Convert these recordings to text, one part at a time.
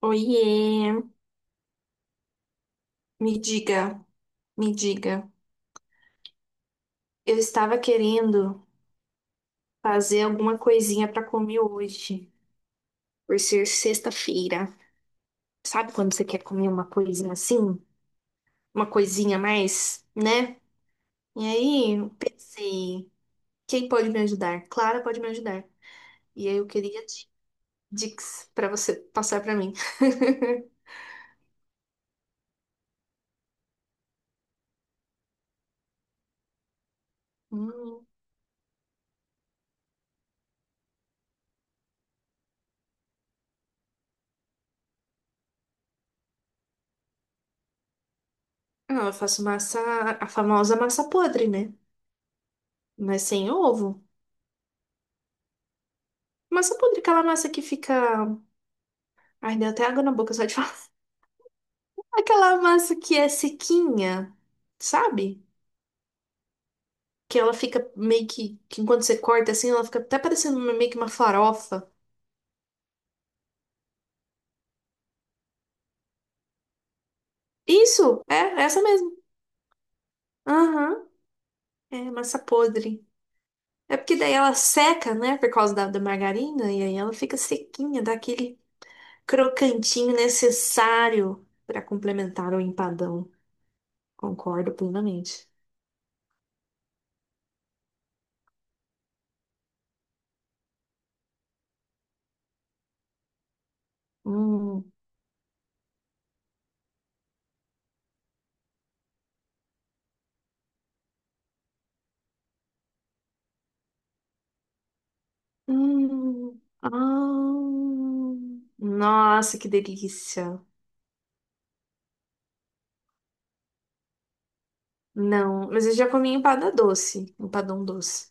Oiê, me diga, me diga. Eu estava querendo fazer alguma coisinha para comer hoje, por ser sexta-feira. Sabe quando você quer comer uma coisinha assim? Uma coisinha a mais, né? E aí eu pensei, quem pode me ajudar? Clara pode me ajudar. E aí eu queria dicas para você passar para mim. Hum. Ah, eu faço massa, a famosa massa podre, né? Mas sem ovo. Massa podre, é aquela massa que fica. Ai, deu até água na boca só de falar. Aquela massa que é sequinha, sabe? Que ela fica meio que enquanto você corta assim, ela fica até parecendo meio que uma farofa. Isso, é essa mesmo. Aham, é massa podre. É porque daí ela seca, né, por causa da margarina, e aí ela fica sequinha, dá aquele crocantinho necessário para complementar o empadão. Concordo plenamente. Hum. Ah, nossa, que delícia. Não, mas eu já comi empada doce, empadão doce.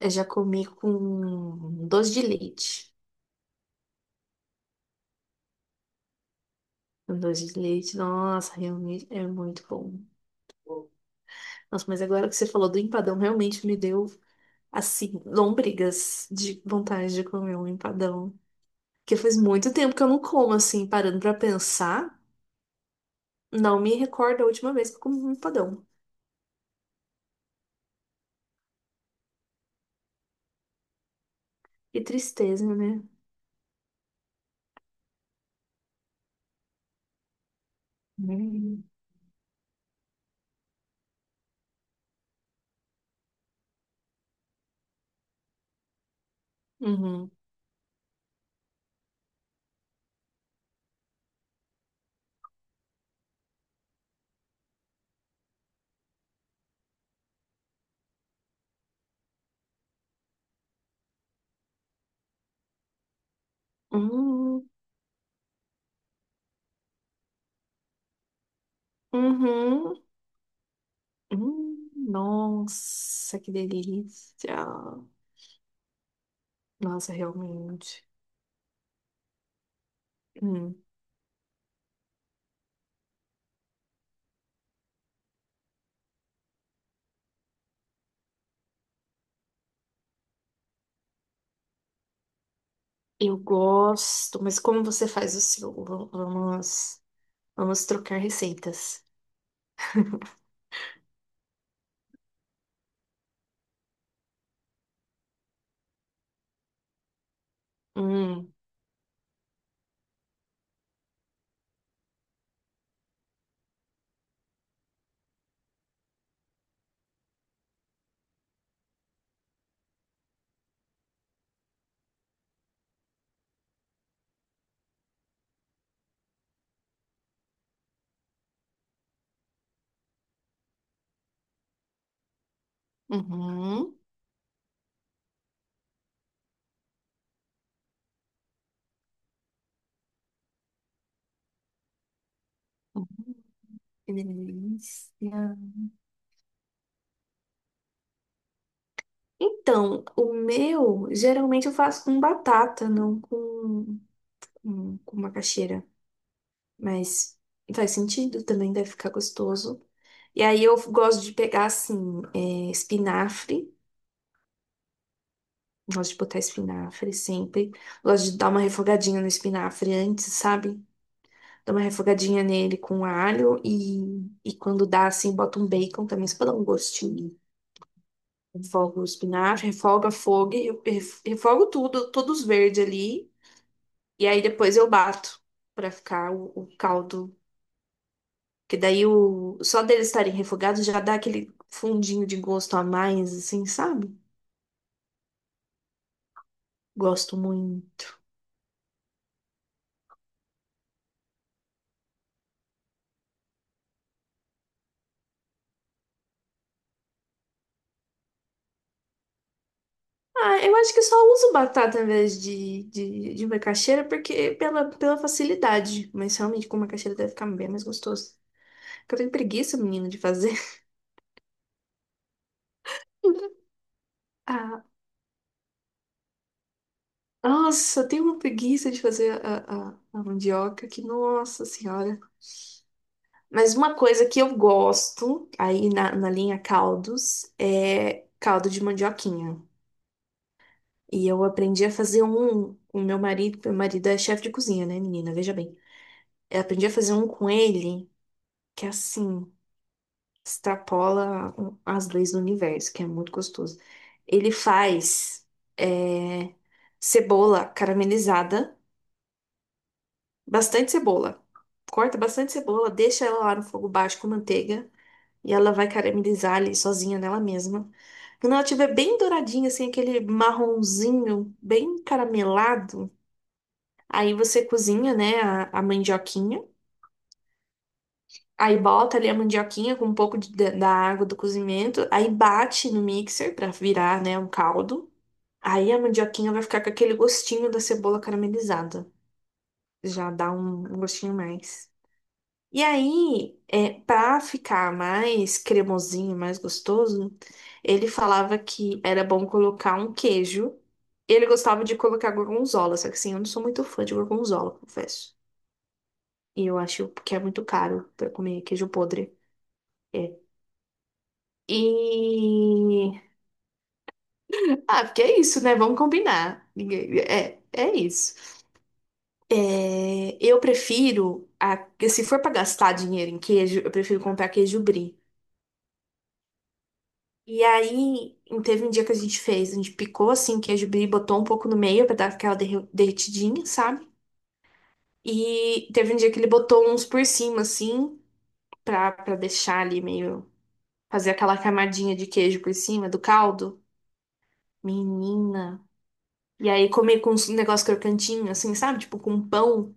Eu já comi com doce de leite. Com doce de leite, nossa, realmente é muito bom. Nossa, mas agora que você falou do empadão, realmente me deu, assim, lômbrigas de vontade de comer um empadão. Porque faz muito tempo que eu não como, assim, parando pra pensar. Não me recordo a última vez que eu comi um empadão. Que tristeza, né? Hum. Uhum. Hum. Uhum. Hum. Nossa, que delícia. Nossa, realmente. Hum. Eu gosto, mas como você faz o seu? Vamos trocar receitas. Hum. Uhum. Que delícia. Então, o meu, geralmente eu faço com batata, não com macaxeira. Mas faz sentido também, deve ficar gostoso. E aí eu gosto de pegar, assim, é, espinafre. Gosto de botar espinafre sempre. Gosto de dar uma refogadinha no espinafre antes, sabe? Dá uma refogadinha nele com alho e quando dá, assim, bota um bacon também, só pra dar um gostinho. Refogo o espinafre, refoga fogo, refogo tudo, todos verdes ali. E aí depois eu bato pra ficar o caldo. Que daí só deles estarem refogados já dá aquele fundinho de gosto a mais, assim, sabe? Gosto muito. Ah, eu acho que só uso batata em vez de macaxeira porque pela facilidade. Mas realmente com macaxeira deve ficar bem mais gostoso. Porque eu tenho preguiça, menina, de fazer. Ah, nossa, eu tenho uma preguiça de fazer a mandioca que, nossa senhora. Mas uma coisa que eu gosto aí na linha caldos é caldo de mandioquinha. E eu aprendi a fazer um com meu marido. Meu marido é chefe de cozinha, né, menina? Veja bem. Eu aprendi a fazer um com ele que é assim, extrapola as leis do universo, que é muito gostoso. Ele faz é, cebola caramelizada, bastante cebola. Corta bastante cebola, deixa ela lá no fogo baixo com manteiga e ela vai caramelizar ali sozinha nela mesma. Quando ela estiver bem douradinha, assim, aquele marronzinho bem caramelado, aí você cozinha, né, a mandioquinha. Aí bota ali a mandioquinha com um pouco da água do cozimento, aí bate no mixer pra virar, né, um caldo. Aí a mandioquinha vai ficar com aquele gostinho da cebola caramelizada. Já dá um gostinho a mais. E aí, é, para ficar mais cremosinho, mais gostoso, ele falava que era bom colocar um queijo. Ele gostava de colocar gorgonzola, só que assim, eu não sou muito fã de gorgonzola, confesso. E eu acho que é muito caro pra comer queijo podre. É, E. Ah, porque é isso, né? Vamos combinar. É isso. É, eu prefiro, se for para gastar dinheiro em queijo, eu prefiro comprar queijo brie. E aí, teve um dia que a gente fez, a gente picou assim queijo brie, botou um pouco no meio para dar aquela derretidinha, sabe? E teve um dia que ele botou uns por cima, assim, pra deixar ali meio, fazer aquela camadinha de queijo por cima do caldo. Menina. E aí comer com um negócio crocantinho, assim, sabe? Tipo com pão.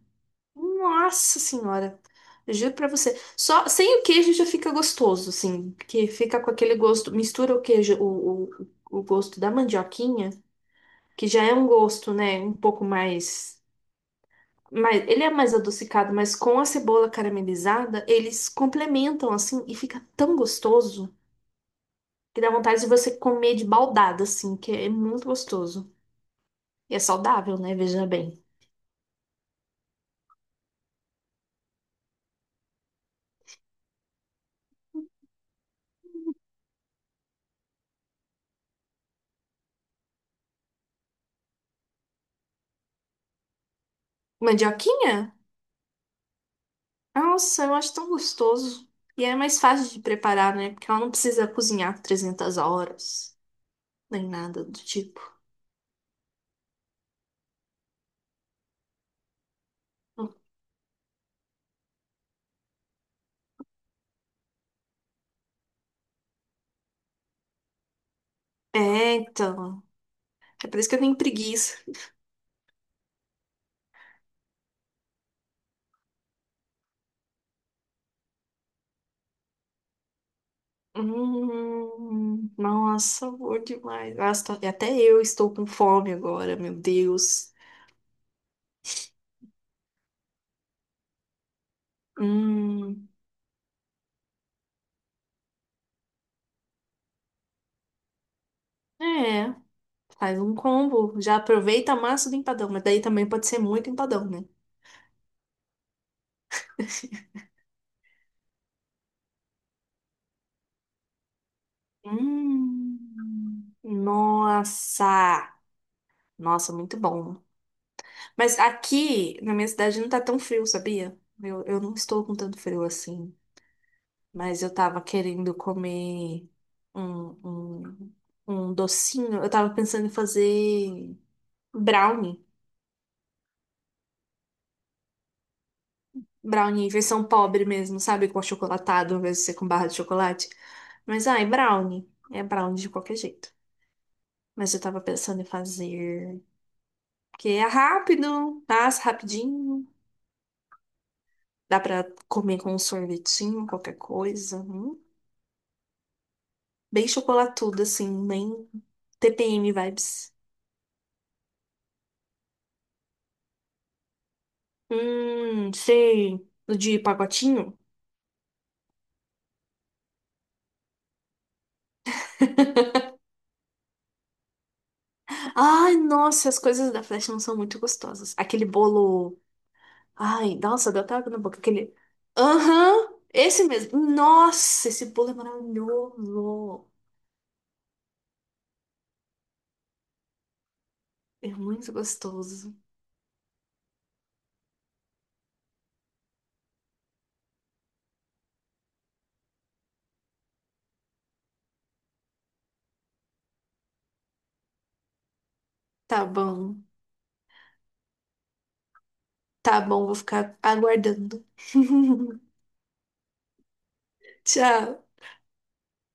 Nossa senhora. Eu juro pra você. Só sem o queijo já fica gostoso, assim. Porque fica com aquele gosto. Mistura o queijo, o gosto da mandioquinha, que já é um gosto, né? Um pouco mais. Mas ele é mais adocicado, mas com a cebola caramelizada, eles complementam assim e fica tão gostoso que dá vontade de você comer de baldada, assim, que é muito gostoso. E é saudável, né? Veja bem. Mandioquinha? Nossa, eu acho tão gostoso. E é mais fácil de preparar, né? Porque ela não precisa cozinhar por 300 horas, nem nada do tipo. É, então. É por isso que eu tenho preguiça. Nossa, bom demais. Nossa, até eu estou com fome agora, meu Deus. Hum, é, faz um combo. Já aproveita a massa do empadão, mas daí também pode ser muito empadão, né? Hum, nossa, nossa, muito bom. Mas aqui, na minha cidade, não tá tão frio, sabia? Eu não estou com tanto frio assim. Mas eu tava querendo comer um, um, um docinho. Eu tava pensando em fazer brownie. Brownie, versão pobre mesmo, sabe? Com achocolatado, ao invés de ser com barra de chocolate. Mas, ai, brownie. É brownie de qualquer jeito. Mas eu tava pensando em fazer... Porque é rápido, passa rapidinho. Dá pra comer com um sorvetinho, qualquer coisa. Hum. Bem chocolatudo, assim, bem TPM vibes. Sei. O de pacotinho? Ai, nossa, as coisas da Flash não são muito gostosas. Aquele bolo. Ai, nossa, deu até água na boca. Aquele. Aham, esse mesmo. Nossa, esse bolo é maravilhoso. É muito gostoso. Tá bom, tá bom, vou ficar aguardando. Tchau.